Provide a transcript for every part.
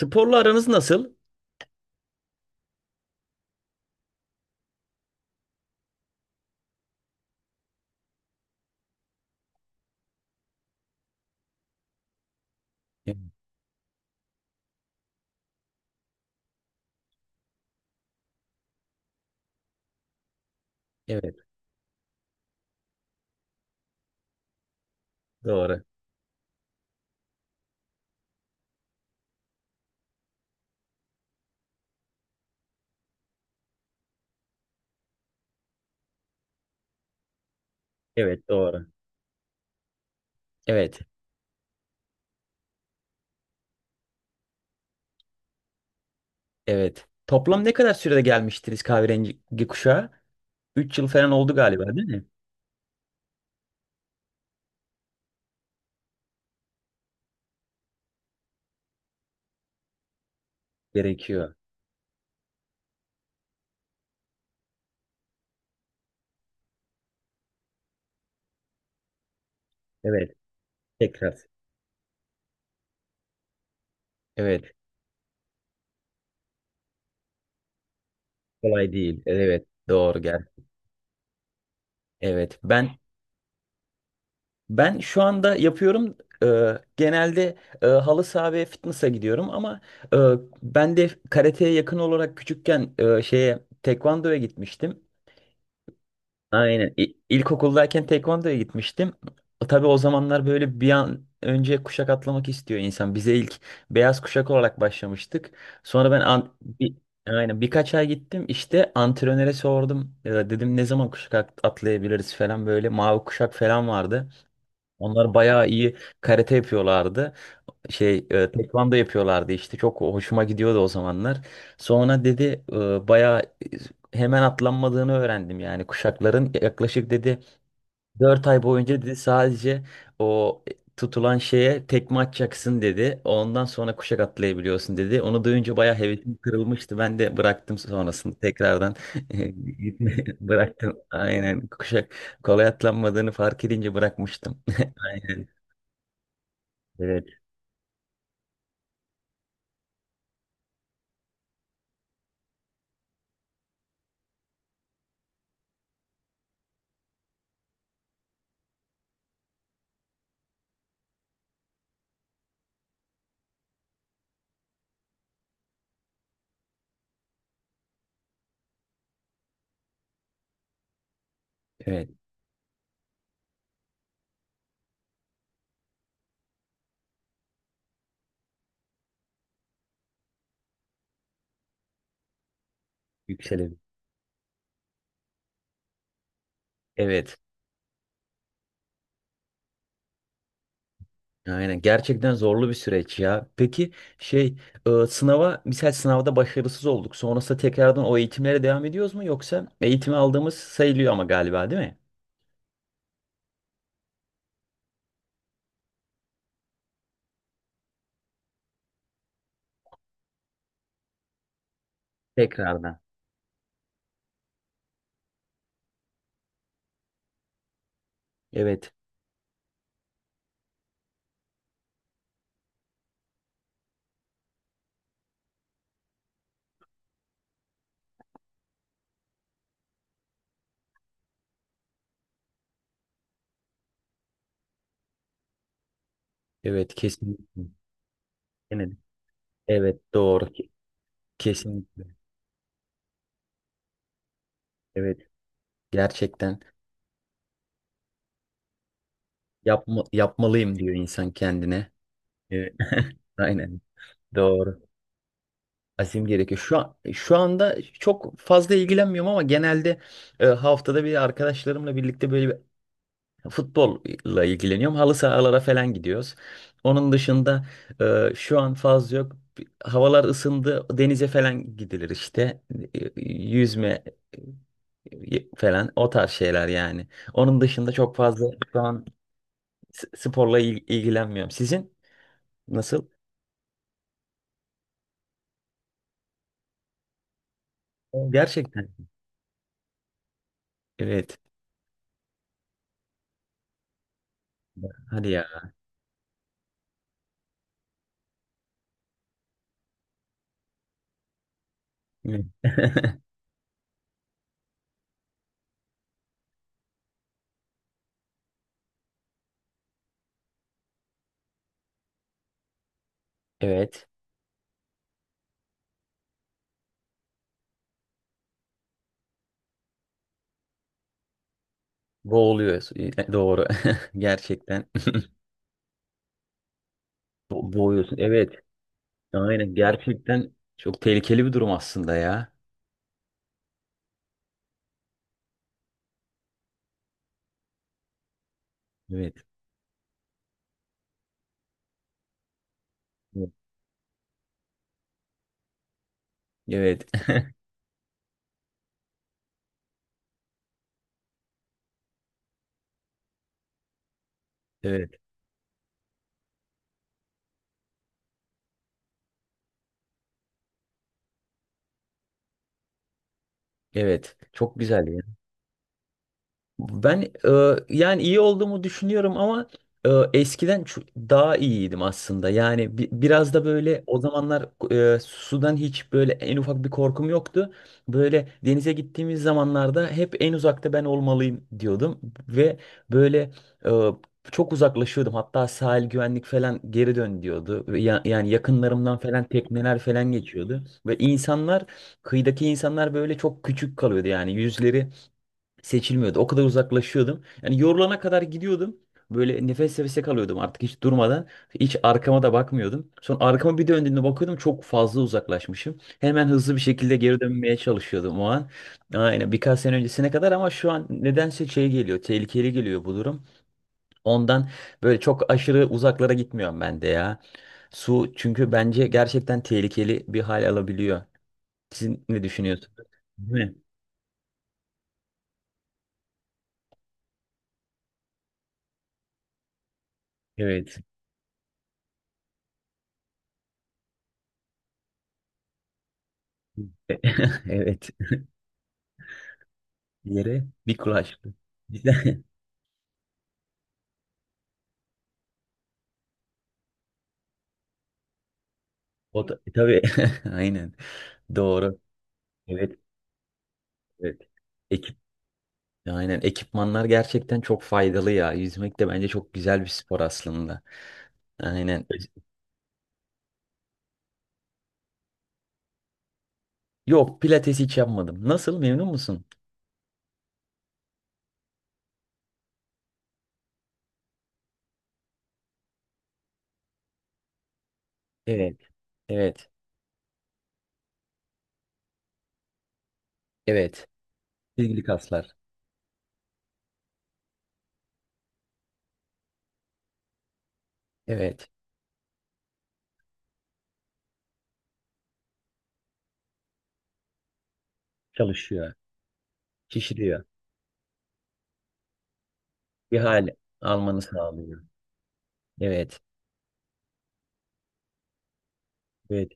Sporla aranız nasıl? Evet, evet, doğru. Evet, doğru. Evet, evet. Toplam ne kadar sürede gelmiştiniz kahverengi kuşağı? 3 yıl falan oldu galiba, değil mi? Gerekiyor. Evet, tekrar. Evet, kolay değil. Evet, doğru gel. Evet, ben şu anda yapıyorum. Genelde halı saha ve fitness'a gidiyorum ama e, ben de karateye yakın olarak küçükken şeye tekvandoya gitmiştim. Aynen. İlkokuldayken tekvandoya gitmiştim. Tabii o zamanlar böyle bir an önce kuşak atlamak istiyor insan. Bize ilk beyaz kuşak olarak başlamıştık. Sonra bir, aynen birkaç ay gittim. İşte antrenöre sordum. Ya dedim ne zaman atlayabiliriz falan böyle. Mavi kuşak falan vardı. Onlar bayağı iyi karate yapıyorlardı tekvando yapıyorlardı işte çok hoşuma gidiyordu o zamanlar. Sonra dedi bayağı hemen atlanmadığını öğrendim yani kuşakların yaklaşık dedi 4 ay boyunca dedi sadece o tutulan şeye tekme atacaksın dedi. Ondan sonra kuşak atlayabiliyorsun dedi. Onu duyunca bayağı hevesim kırılmıştı. Ben de bıraktım sonrasında tekrardan gitmeyi bıraktım. Aynen kuşak kolay atlanmadığını fark edince bırakmıştım. Aynen. Evet. Evet. Yükselebilir. Evet. Aynen gerçekten zorlu bir süreç ya. Peki şey sınava misal sınavda başarısız olduk. Sonrasında tekrardan o eğitimlere devam ediyoruz mu yoksa eğitimi aldığımız sayılıyor ama galiba değil mi? Tekrardan. Evet. Evet kesinlikle. Yine de- Evet doğru. Kesinlikle. Evet gerçekten yapma, yapmalıyım diyor insan kendine. Evet. Aynen. Doğru. Azim gerekiyor. Şu an, şu anda çok fazla ilgilenmiyorum ama genelde haftada bir arkadaşlarımla birlikte böyle bir futbolla ilgileniyorum. Halı sahalara falan gidiyoruz. Onun dışında şu an fazla yok. Havalar ısındı. Denize falan gidilir işte. Yüzme falan o tarz şeyler yani. Onun dışında çok fazla şu an ilgilenmiyorum. Sizin nasıl? Gerçekten. Evet. Hadi ya. Evet. Boğuluyoruz. Doğru. Gerçekten. Boğuyorsun. Evet. Aynen gerçekten çok tehlikeli bir durum aslında ya. Evet. Evet. Evet. Evet. Çok güzel ya. Ben yani iyi olduğumu düşünüyorum ama eskiden daha iyiydim aslında. Yani biraz da böyle o zamanlar sudan hiç böyle en ufak bir korkum yoktu. Böyle denize gittiğimiz zamanlarda hep en uzakta ben olmalıyım diyordum ve böyle e, çok uzaklaşıyordum. Hatta sahil güvenlik falan geri dön diyordu. Ve yani yakınlarımdan falan tekneler falan geçiyordu ve insanlar kıyıdaki insanlar böyle çok küçük kalıyordu yani yüzleri seçilmiyordu. O kadar uzaklaşıyordum. Yani yorulana kadar gidiyordum. Böyle nefes nefese kalıyordum artık hiç durmadan. Hiç arkama da bakmıyordum. Sonra arkama bir döndüğümde bakıyordum çok fazla uzaklaşmışım. Hemen hızlı bir şekilde geri dönmeye çalışıyordum o an. Aynen birkaç sene öncesine kadar ama şu an nedense şey geliyor, tehlikeli geliyor bu durum. Ondan böyle çok aşırı uzaklara gitmiyorum ben de ya. Su çünkü bence gerçekten tehlikeli bir hal alabiliyor. Siz ne düşünüyorsunuz? Değil mi? Evet. Evet. Yere bir kulaçtı. Tabii aynen. Doğru. Evet, evet. Ekip aynen ekipmanlar gerçekten çok faydalı ya. Yüzmek de bence çok güzel bir spor aslında. Aynen. Yok, pilates hiç yapmadım. Nasıl? Memnun musun? Evet. Evet. Evet. Bilgili kaslar. Evet. Çalışıyor. Şişiriyor. Bir hal almanı sağlıyor. Evet. Evet.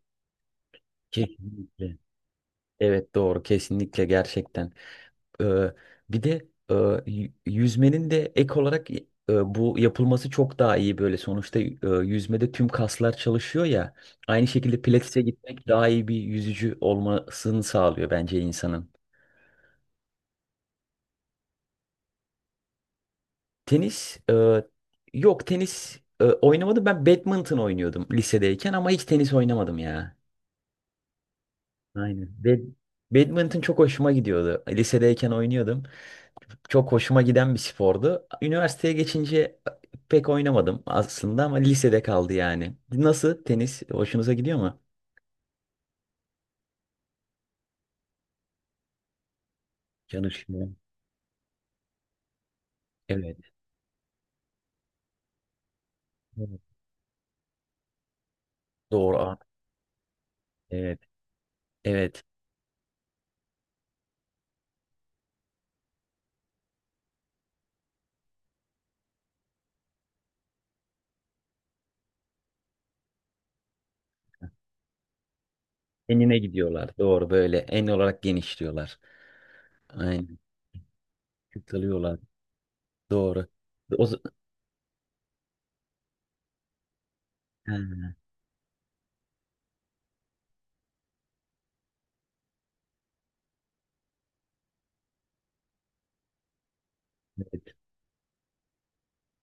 Kesinlikle. Evet doğru. Kesinlikle gerçekten. Ee, bir de yüzmenin de ek olarak bu yapılması çok daha iyi böyle. Sonuçta yüzmede tüm kaslar çalışıyor ya. Aynı şekilde pilatese gitmek daha iyi bir yüzücü olmasını sağlıyor bence insanın. Tenis e, yok tenis oynamadım. Ben badminton oynuyordum lisedeyken ama hiç tenis oynamadım ya. Aynen. Badminton çok hoşuma gidiyordu. Lisedeyken oynuyordum. Çok hoşuma giden bir spordu. Üniversiteye geçince pek oynamadım aslında ama lisede kaldı yani. Nasıl tenis? Hoşunuza gidiyor mu? Çalışmıyor. Evet. Evet. Doğru. Aa, evet. Evet. Enine gidiyorlar. Doğru böyle. En olarak genişliyorlar. Aynen. Kısalıyorlar. Doğru. O, z- ha,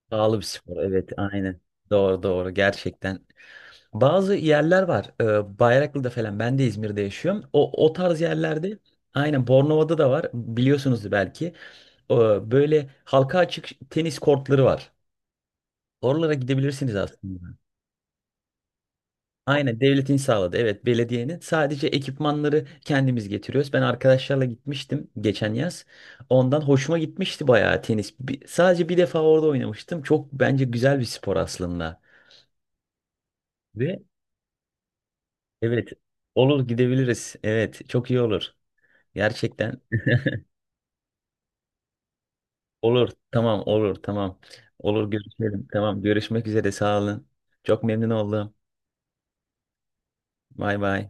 pahalı bir spor. Evet. Aynen. Doğru doğru. Gerçekten bazı yerler var. Bayraklı'da falan. Ben de İzmir'de yaşıyorum. O, o tarz yerlerde aynen Bornova'da da var. Biliyorsunuzdur belki. Ee, böyle halka açık tenis kortları var. Oralara gidebilirsiniz aslında. Aynen devletin sağladı. Evet belediyenin. Sadece ekipmanları kendimiz getiriyoruz. Ben arkadaşlarla gitmiştim geçen yaz. Ondan hoşuma gitmişti bayağı tenis. Sadece bir defa orada oynamıştım. Çok bence güzel bir spor aslında. Ve evet olur gidebiliriz. Evet çok iyi olur. Gerçekten olur. Tamam olur. Tamam. Olur görüşelim. Tamam görüşmek üzere. Sağ olun. Çok memnun oldum. Bay bay.